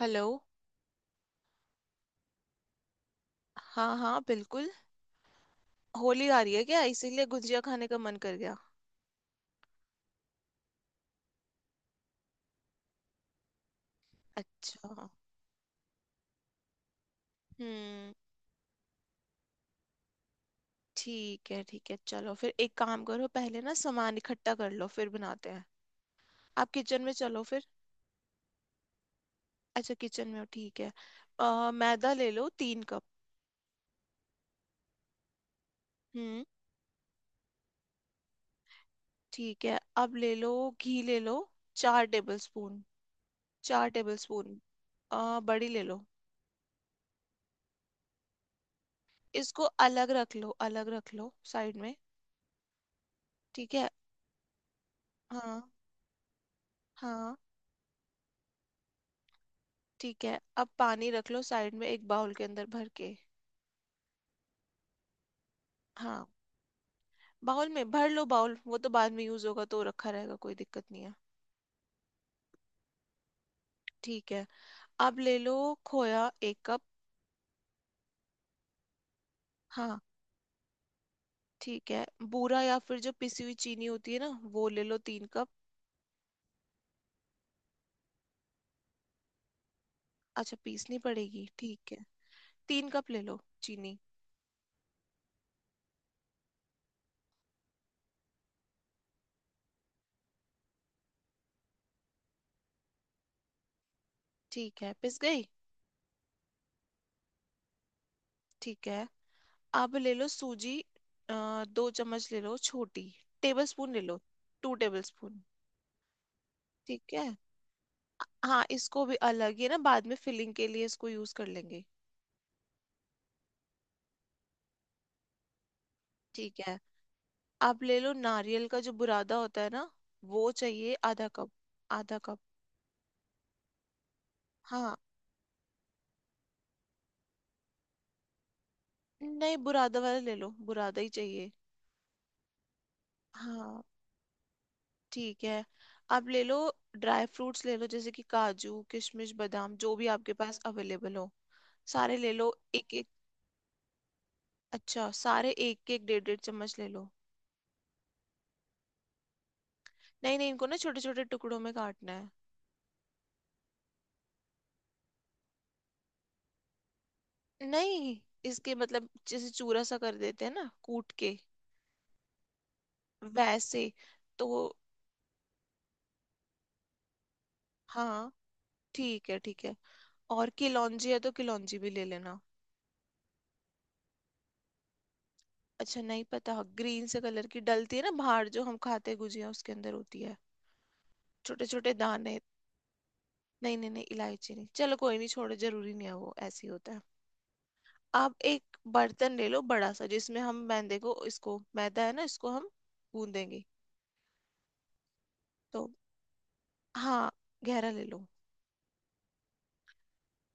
Hello. हाँ हाँ, बिल्कुल। होली आ रही है क्या, इसीलिए गुजिया खाने का मन कर गया? अच्छा। हम्म। ठीक है ठीक है, चलो फिर एक काम करो, पहले ना सामान इकट्ठा कर लो फिर बनाते हैं। आप किचन में चलो फिर। अच्छा किचन में हो, ठीक है। मैदा ले लो, 3 कप। हम्म। ठीक है, अब ले लो घी ले लो, 4 टेबल स्पून। 4 table spoon. बड़ी ले लो। इसको अलग रख लो, अलग रख लो साइड में। ठीक है। हाँ हाँ, ठीक है, अब पानी रख लो साइड में, एक बाउल के अंदर भर के। हाँ, बाउल में भर लो, बाउल वो तो बाद में यूज होगा तो रखा रहेगा, कोई दिक्कत नहीं है। ठीक है, अब ले लो खोया, 1 कप। हाँ। ठीक है। बूरा या फिर जो पिसी हुई चीनी होती है ना, वो ले लो, 3 कप। अच्छा पीसनी पड़ेगी, ठीक है। 3 कप ले लो चीनी। ठीक है पिस गई। ठीक है, अब ले लो सूजी। 2 चम्मच ले लो, छोटी। टेबल स्पून ले लो। 2 टेबल स्पून। ठीक है। हाँ, इसको भी अलग ही ना, बाद में फिलिंग के लिए इसको यूज कर लेंगे। ठीक है। आप ले लो नारियल का जो बुरादा होता है ना, वो चाहिए, आधा कप। आधा कप। हाँ, नहीं बुरादा वाला ले लो, बुरादा ही चाहिए। हाँ। ठीक है। आप ले लो ड्राई फ्रूट्स ले लो, जैसे कि काजू किशमिश बादाम, जो भी आपके पास अवेलेबल हो। सारे ले लो एक एक। अच्छा, सारे एक एक डेढ़ डेढ़ चम्मच ले लो। नहीं नहीं, इनको ना छोटे छोटे टुकड़ों में काटना है। नहीं, इसके मतलब जैसे चूरा सा कर देते हैं ना कूट के, वैसे। तो हाँ, ठीक है ठीक है। और किलौंजी है तो किलौंजी भी ले लेना। अच्छा नहीं पता, ग्रीन से कलर की डलती है ना, बाहर जो हम खाते हैं गुजिया उसके अंदर होती है, छोटे छोटे दाने। नहीं नहीं नहीं, इलायची नहीं, चलो कोई नहीं छोड़ो, जरूरी नहीं है, वो ऐसे ही होता है। आप एक बर्तन ले लो बड़ा सा, जिसमें हम मैदे को, इसको मैदा है ना, इसको हम गूंदेंगे। तो हाँ, गहरा ले लो।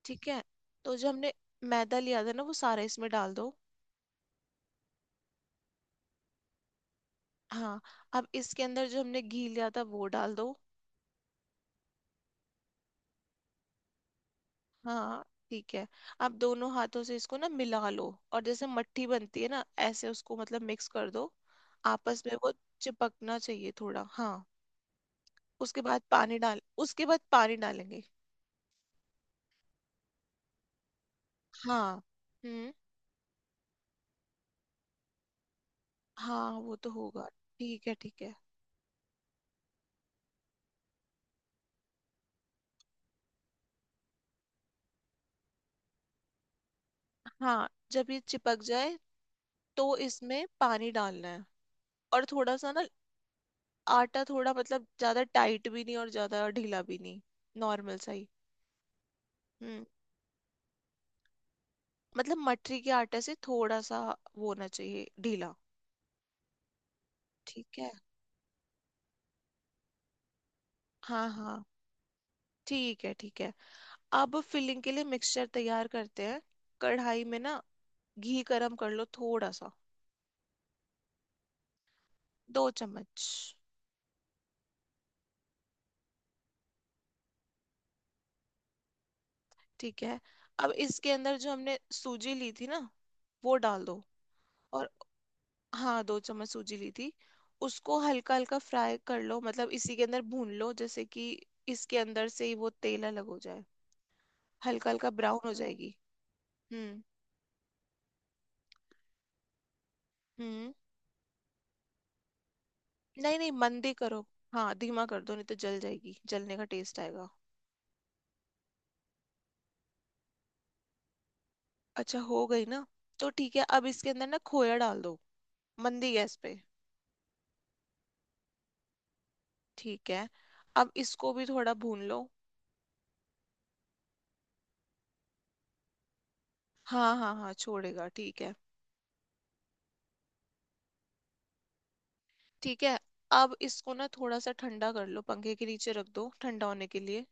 ठीक है, तो जो हमने मैदा लिया था ना, वो सारा इसमें डाल दो। हाँ, अब इसके अंदर जो हमने घी लिया था वो डाल दो। हाँ, ठीक है, अब दोनों हाथों से इसको ना मिला लो, और जैसे मट्ठी बनती है ना, ऐसे उसको मतलब मिक्स कर दो, आपस में। वो चिपकना चाहिए थोड़ा, हाँ। उसके बाद पानी डाल, उसके बाद पानी डालेंगे। हाँ। हम्म। हाँ, वो तो होगा। ठीक है ठीक है। हाँ, जब ये चिपक जाए तो इसमें पानी डालना है, और थोड़ा सा ना आटा, थोड़ा मतलब ज्यादा टाइट भी नहीं और ज्यादा ढीला भी नहीं, नॉर्मल सा ही। हम्म। मतलब मटरी के आटे से थोड़ा सा वो होना चाहिए ढीला। ठीक है। हाँ हाँ, ठीक है ठीक है। अब फिलिंग के लिए मिक्सचर तैयार करते हैं। कढ़ाई में ना घी गरम कर लो, थोड़ा सा। 2 चम्मच। ठीक है, अब इसके अंदर जो हमने सूजी ली थी ना, वो डाल दो। और हाँ, 2 चम्मच सूजी ली थी, उसको हल्का हल्का फ्राई कर लो, मतलब इसी के अंदर भून लो, जैसे कि इसके अंदर से ही वो तेल अलग हो जाए, हल्का हल्का ब्राउन हो जाएगी। हम्म। हम्म। नहीं नहीं, मंदी करो। हाँ धीमा कर दो, नहीं तो जल जाएगी, जलने का टेस्ट आएगा। अच्छा हो गई ना, तो ठीक है, अब इसके अंदर ना खोया डाल दो, मंदी गैस पे। ठीक है, अब इसको भी थोड़ा भून लो। हाँ हाँ हाँ, छोड़ेगा ठीक है। ठीक है, अब इसको ना थोड़ा सा ठंडा कर लो, पंखे के नीचे रख दो ठंडा होने के लिए।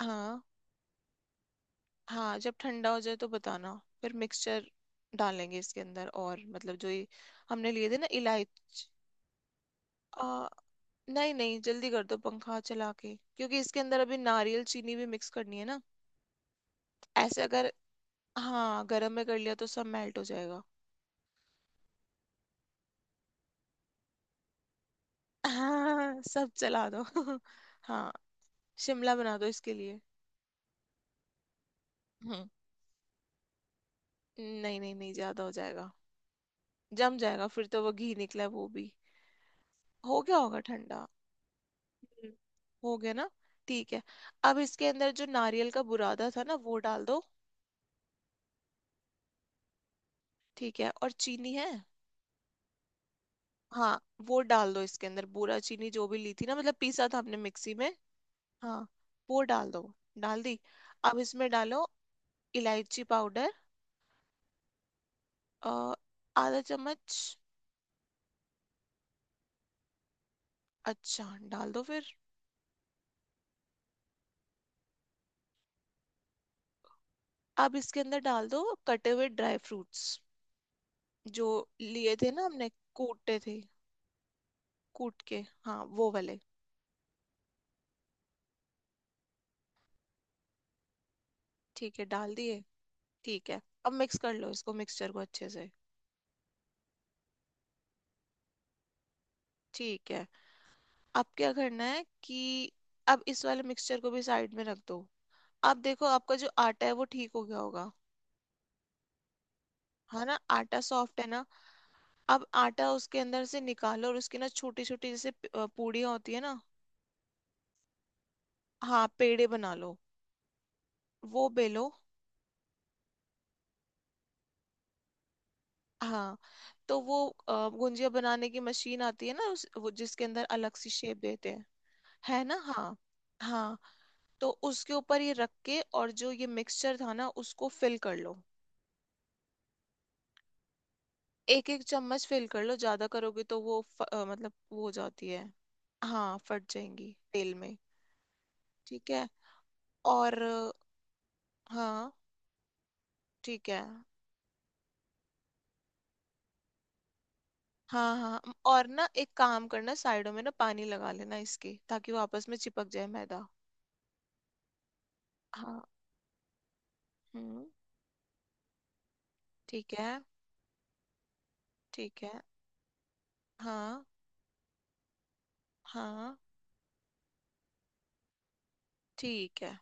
हाँ। हाँ, जब ठंडा हो जाए तो बताना, फिर मिक्सचर डालेंगे इसके अंदर, और मतलब जो ये हमने लिए थे ना, इलायची। आ, नहीं नहीं, जल्दी कर दो पंखा चला के, क्योंकि इसके अंदर अभी नारियल चीनी भी मिक्स करनी है ना। ऐसे अगर, हाँ गर्म में कर लिया तो सब मेल्ट हो जाएगा। हाँ सब चला दो। हाँ, शिमला बना दो इसके लिए। हम्म। नहीं नहीं नहीं, ज्यादा हो जाएगा, जम जाएगा, फिर तो वो घी निकला है वो भी। हो गया होगा ठंडा। हम्म, हो गया ना। ठीक है, अब इसके अंदर जो नारियल का बुरादा था ना वो डाल दो। ठीक है, और चीनी है। हाँ, वो डाल दो इसके अंदर, बूरा चीनी जो भी ली थी ना, मतलब पीसा था हमने मिक्सी में। हाँ, वो डाल दो। डाल दी। अब इसमें डालो इलायची पाउडर। अ, आधा चम्मच। अच्छा, डाल दो फिर। अब इसके अंदर डाल दो कटे हुए ड्राई फ्रूट्स, जो लिए थे ना हमने, कूटे थे। कूट के हाँ, वो वाले। ठीक है, डाल दिए। ठीक है, अब मिक्स कर लो इसको, मिक्सचर को अच्छे से। ठीक है, अब क्या करना है कि अब इस वाले मिक्सचर को भी साइड में रख दो। अब देखो, आपका जो आटा है वो ठीक हो गया होगा। है ना, आटा सॉफ्ट है ना। अब आटा उसके अंदर से निकालो, और उसकी ना छोटी छोटी, जैसे पूड़ियाँ होती है ना। हाँ, पेड़े बना लो, वो बेलो। हाँ, तो वो गुंजिया बनाने की मशीन आती है ना, उस वो जिसके अंदर अलग सी शेप देते हैं। है ना। हाँ हाँ, तो उसके ऊपर ये रख के, और जो ये मिक्सचर था ना, उसको फिल कर लो। एक एक चम्मच फिल कर लो, ज्यादा करोगे तो वो मतलब वो हो जाती है। हाँ फट जाएंगी तेल में। ठीक है। और हाँ, ठीक है। हाँ हाँ, और ना एक काम करना, साइडों में ना पानी लगा लेना इसके, ताकि वो आपस में चिपक जाए मैदा। हाँ। हम्म। ठीक है ठीक है। हाँ हाँ, ठीक है।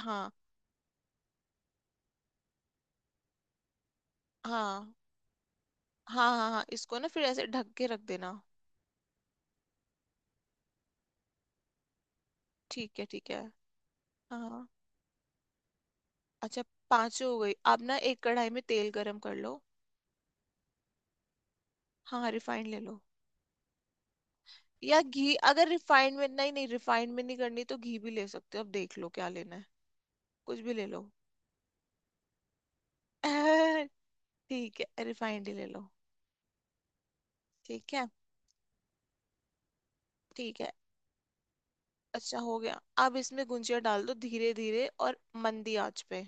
हाँ हाँ हाँ। हाँ, हाँ इसको ना फिर ऐसे ढक के रख देना। ठीक है ठीक है। हाँ। अच्छा, पांच हो गई। आप ना एक कढ़ाई में तेल गरम कर लो। हाँ रिफाइंड ले लो। या घी, अगर रिफाइंड में नहीं, नहीं रिफाइंड में नहीं करनी तो घी भी ले सकते हो, अब देख लो क्या लेना है, कुछ भी ले लो। ठीक है, रिफाइंड ही ले लो। ठीक है। ठीक है। अच्छा हो गया, अब इसमें गुंजिया डाल दो धीरे धीरे, और मंदी आंच पे।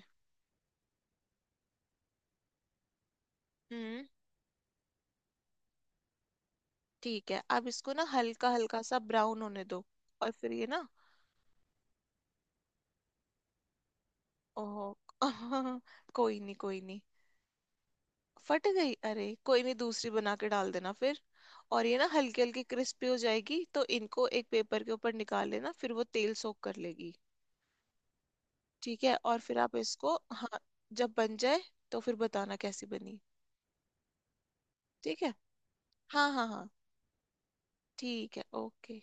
हम्म। ठीक है, अब इसको ना हल्का हल्का सा ब्राउन होने दो, और फिर ये ना। ओह। कोई नहीं कोई नहीं। फट गई, अरे कोई नहीं, दूसरी बना के डाल देना फिर। और ये ना हल्की हल्की क्रिस्पी हो जाएगी, तो इनको एक पेपर के ऊपर निकाल लेना, फिर वो तेल सोक कर लेगी। ठीक है, और फिर आप इसको, हाँ जब बन जाए तो फिर बताना कैसी बनी। ठीक है। हाँ हाँ हाँ। ठीक है ओके।